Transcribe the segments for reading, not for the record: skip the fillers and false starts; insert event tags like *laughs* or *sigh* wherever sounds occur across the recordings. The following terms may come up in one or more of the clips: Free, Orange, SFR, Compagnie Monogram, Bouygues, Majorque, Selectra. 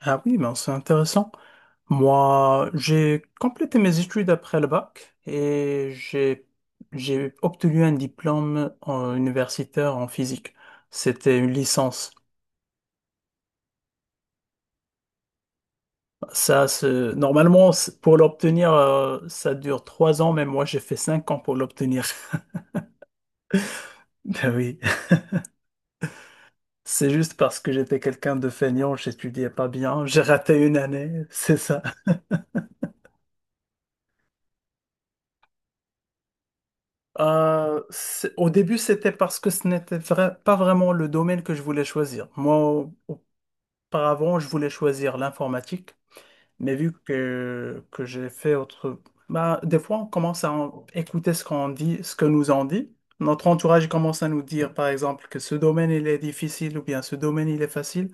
Ah oui, ben c'est intéressant. Moi, j'ai complété mes études après le bac et j'ai obtenu un diplôme universitaire en physique. C'était une licence. Ça, normalement, pour l'obtenir, ça dure trois ans, mais moi, j'ai fait cinq ans pour l'obtenir. *laughs* Ben oui. C'est juste parce que j'étais quelqu'un de feignant, j'étudiais pas bien, j'ai raté une année, c'est ça. Au début, c'était parce que ce n'était pas vraiment le domaine que je voulais choisir. Auparavant, je voulais choisir l'informatique, mais vu que j'ai fait autre... Bah, des fois, on commence à écouter ce qu'on dit, ce que nous on dit. Notre entourage commence à nous dire, par exemple, que ce domaine, il est difficile ou bien ce domaine, il est facile.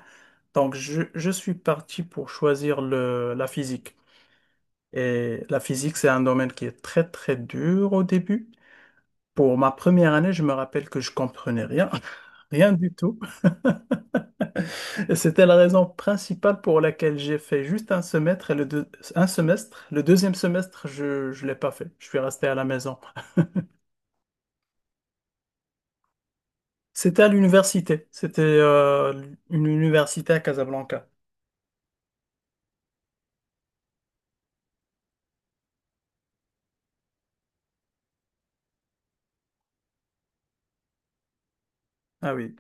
Donc, je suis parti pour choisir la physique. Et la physique, c'est un domaine qui est très, très dur au début. Pour ma première année, je me rappelle que je comprenais rien, *laughs* rien du tout. Et c'était la raison principale pour laquelle j'ai fait juste un semestre et un semestre. Le deuxième semestre, je l'ai pas fait. Je suis resté à la maison. *laughs* C'était à l'université. C'était une université à Casablanca. Ah oui,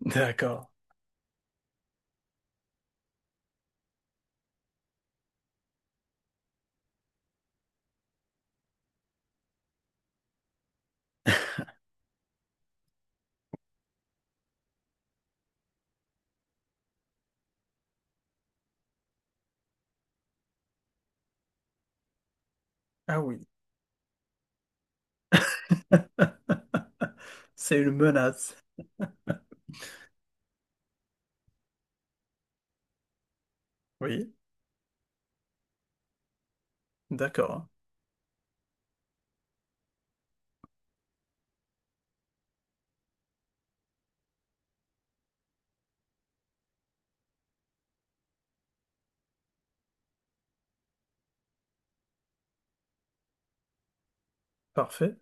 *laughs* d'accord. Ah oui, *laughs* c'est une menace. Oui, d'accord. Parfait.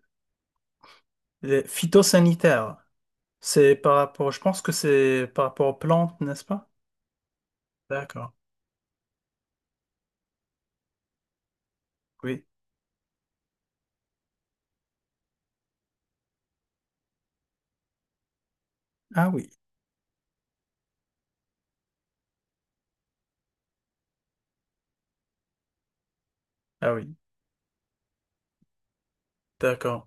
Les phytosanitaires, c'est par rapport, je pense que c'est par rapport aux plantes, n'est-ce pas? D'accord. Oui. Ah oui, ah oui, d'accord,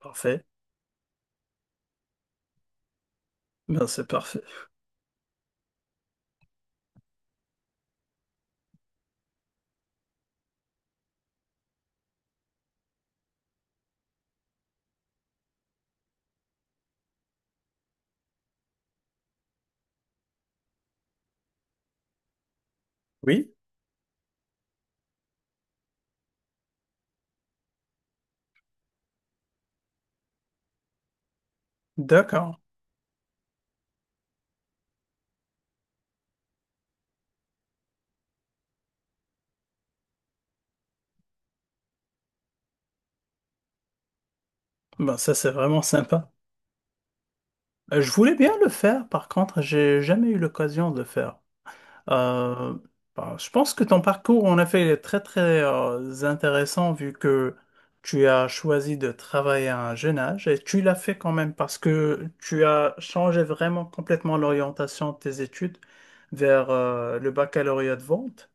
parfait. Ben c'est parfait. Oui, d'accord. Ben ça c'est vraiment sympa. Je voulais bien le faire, par contre, j'ai jamais eu l'occasion de le faire. Euh, Bah, je pense que ton parcours en effet est très très intéressant vu que tu as choisi de travailler à un jeune âge et tu l'as fait quand même parce que tu as changé vraiment complètement l'orientation de tes études vers le baccalauréat de vente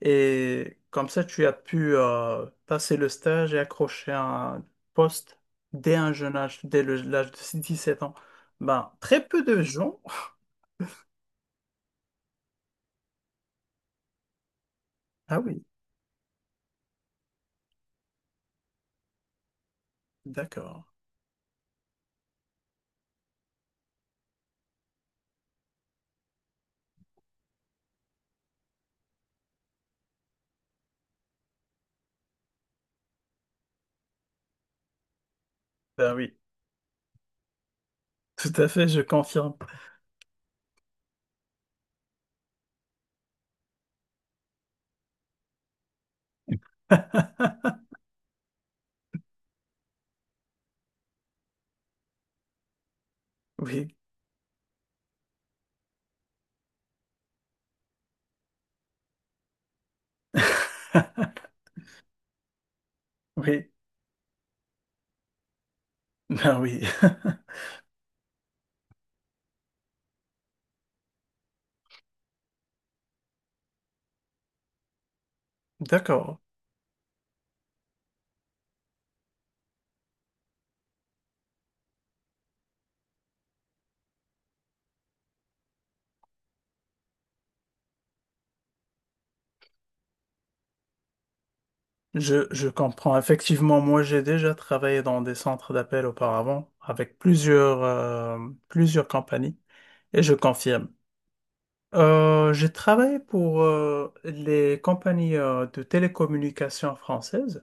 et comme ça tu as pu passer le stage et accrocher un poste dès un jeune âge, l'âge de 17 ans. Ben, très peu de gens. Ah oui, d'accord. Ben oui. Tout à fait, je confirme. *laughs* Oui. *laughs* Oui. Ben oui. D'accord. Je comprends. Effectivement, moi, j'ai déjà travaillé dans des centres d'appel auparavant avec plusieurs, plusieurs compagnies et je confirme. J'ai travaillé pour les compagnies de télécommunications françaises.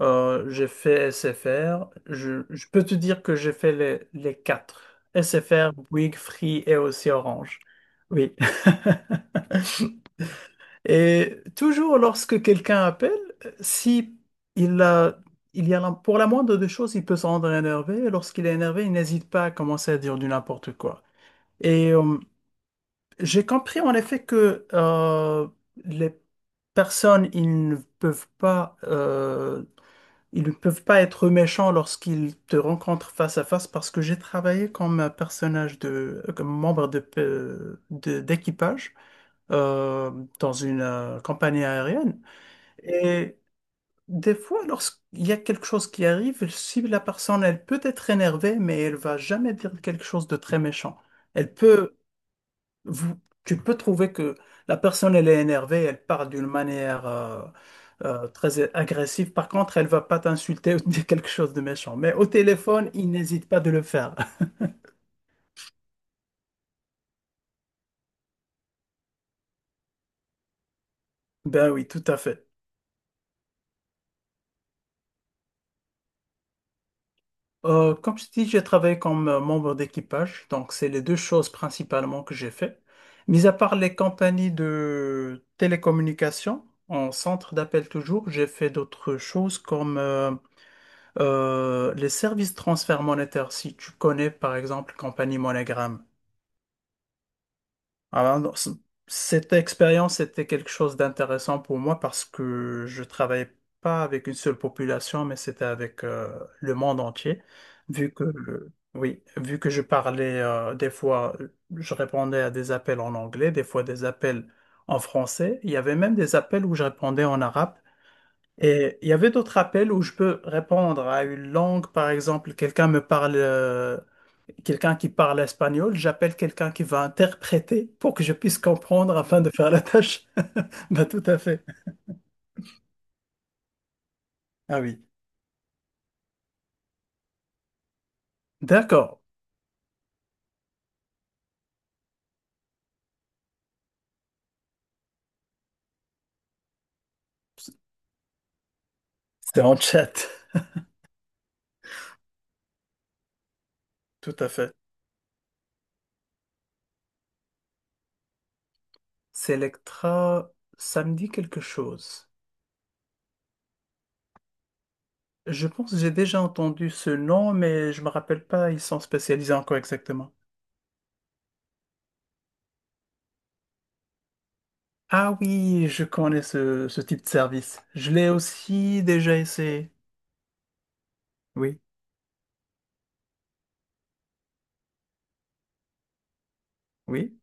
J'ai fait SFR. Je peux te dire que j'ai fait les quatre. SFR, Bouygues, Free et aussi Orange. Oui. *laughs* Et toujours lorsque quelqu'un appelle, si il a, il y a pour la moindre des choses, il peut se rendre énervé. Et lorsqu'il est énervé, il n'hésite pas à commencer à dire du n'importe quoi. Et j'ai compris en effet que les personnes, ils ne peuvent pas ils ne peuvent pas être méchants lorsqu'ils te rencontrent face à face parce que j'ai travaillé comme un personnage de, comme membre de, d'équipage euh, dans une compagnie aérienne. Et des fois, lorsqu'il y a quelque chose qui arrive, si la personne, elle peut être énervée, mais elle va jamais dire quelque chose de très méchant. Elle peut vous- tu peux trouver que la personne, elle est énervée, elle parle d'une manière très agressive. Par contre, elle va pas t'insulter ou *laughs* te dire quelque chose de méchant. Mais au téléphone, il n'hésite pas de le faire. *laughs* Ben oui, tout à fait. Comme je dis, j'ai travaillé comme membre d'équipage, donc c'est les deux choses principalement que j'ai fait. Mis à part les compagnies de télécommunications, en centre d'appel toujours, j'ai fait d'autres choses comme les services de transfert monétaire, si tu connais par exemple Compagnie Monogram, alors, non, cette expérience était quelque chose d'intéressant pour moi parce que je travaillais pas avec une seule population, mais c'était avec le monde entier. Vu que, oui, vu que je parlais des fois, je répondais à des appels en anglais, des fois des appels en français. Il y avait même des appels où je répondais en arabe. Et il y avait d'autres appels où je peux répondre à une langue, par exemple, quelqu'un me parle, quelqu'un qui parle espagnol, j'appelle quelqu'un qui va interpréter pour que je puisse comprendre afin de faire la tâche. *laughs* Bah, tout à fait. Ah oui. D'accord. C'est en chat. Tout à fait. Selectra, ça me dit quelque chose. Je pense que j'ai déjà entendu ce nom, mais je me rappelle pas, ils sont spécialisés en quoi exactement. Ah oui, je connais ce type de service. Je l'ai aussi déjà essayé. Oui. Oui,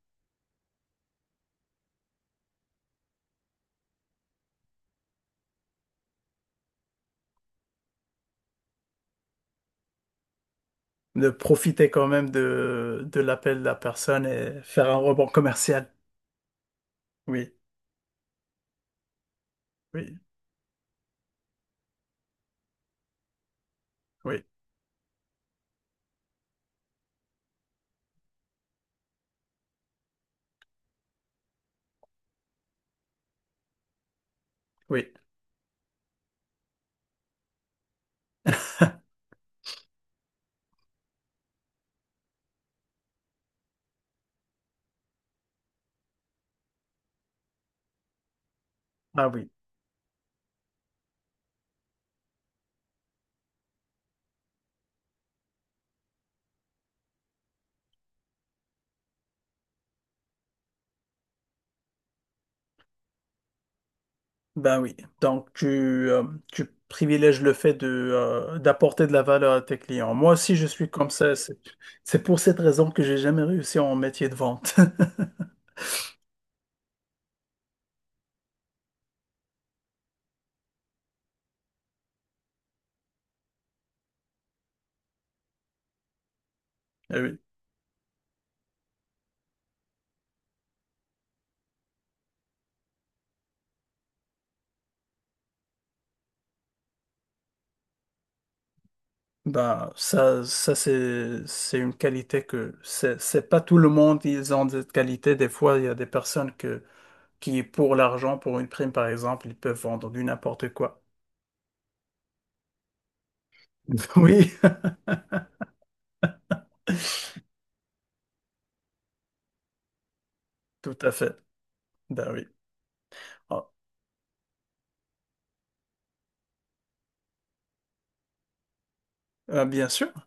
de profiter quand même de l'appel de la personne et faire un rebond commercial. Oui, oui, oui, oui. Ah oui, ben oui. Donc euh, tu privilèges le fait de, d'apporter de la valeur à tes clients. Moi aussi, je suis comme ça. C'est pour cette raison que j'ai jamais réussi en métier de vente. *laughs* Eh oui. Ben, ça c'est une qualité que c'est pas tout le monde, ils ont cette qualité. Des fois, il y a des personnes que qui, est pour l'argent, pour une prime par exemple, ils peuvent vendre du n'importe quoi. *laughs* Oui, tout à fait. Ben oui. Ah, Bien sûr.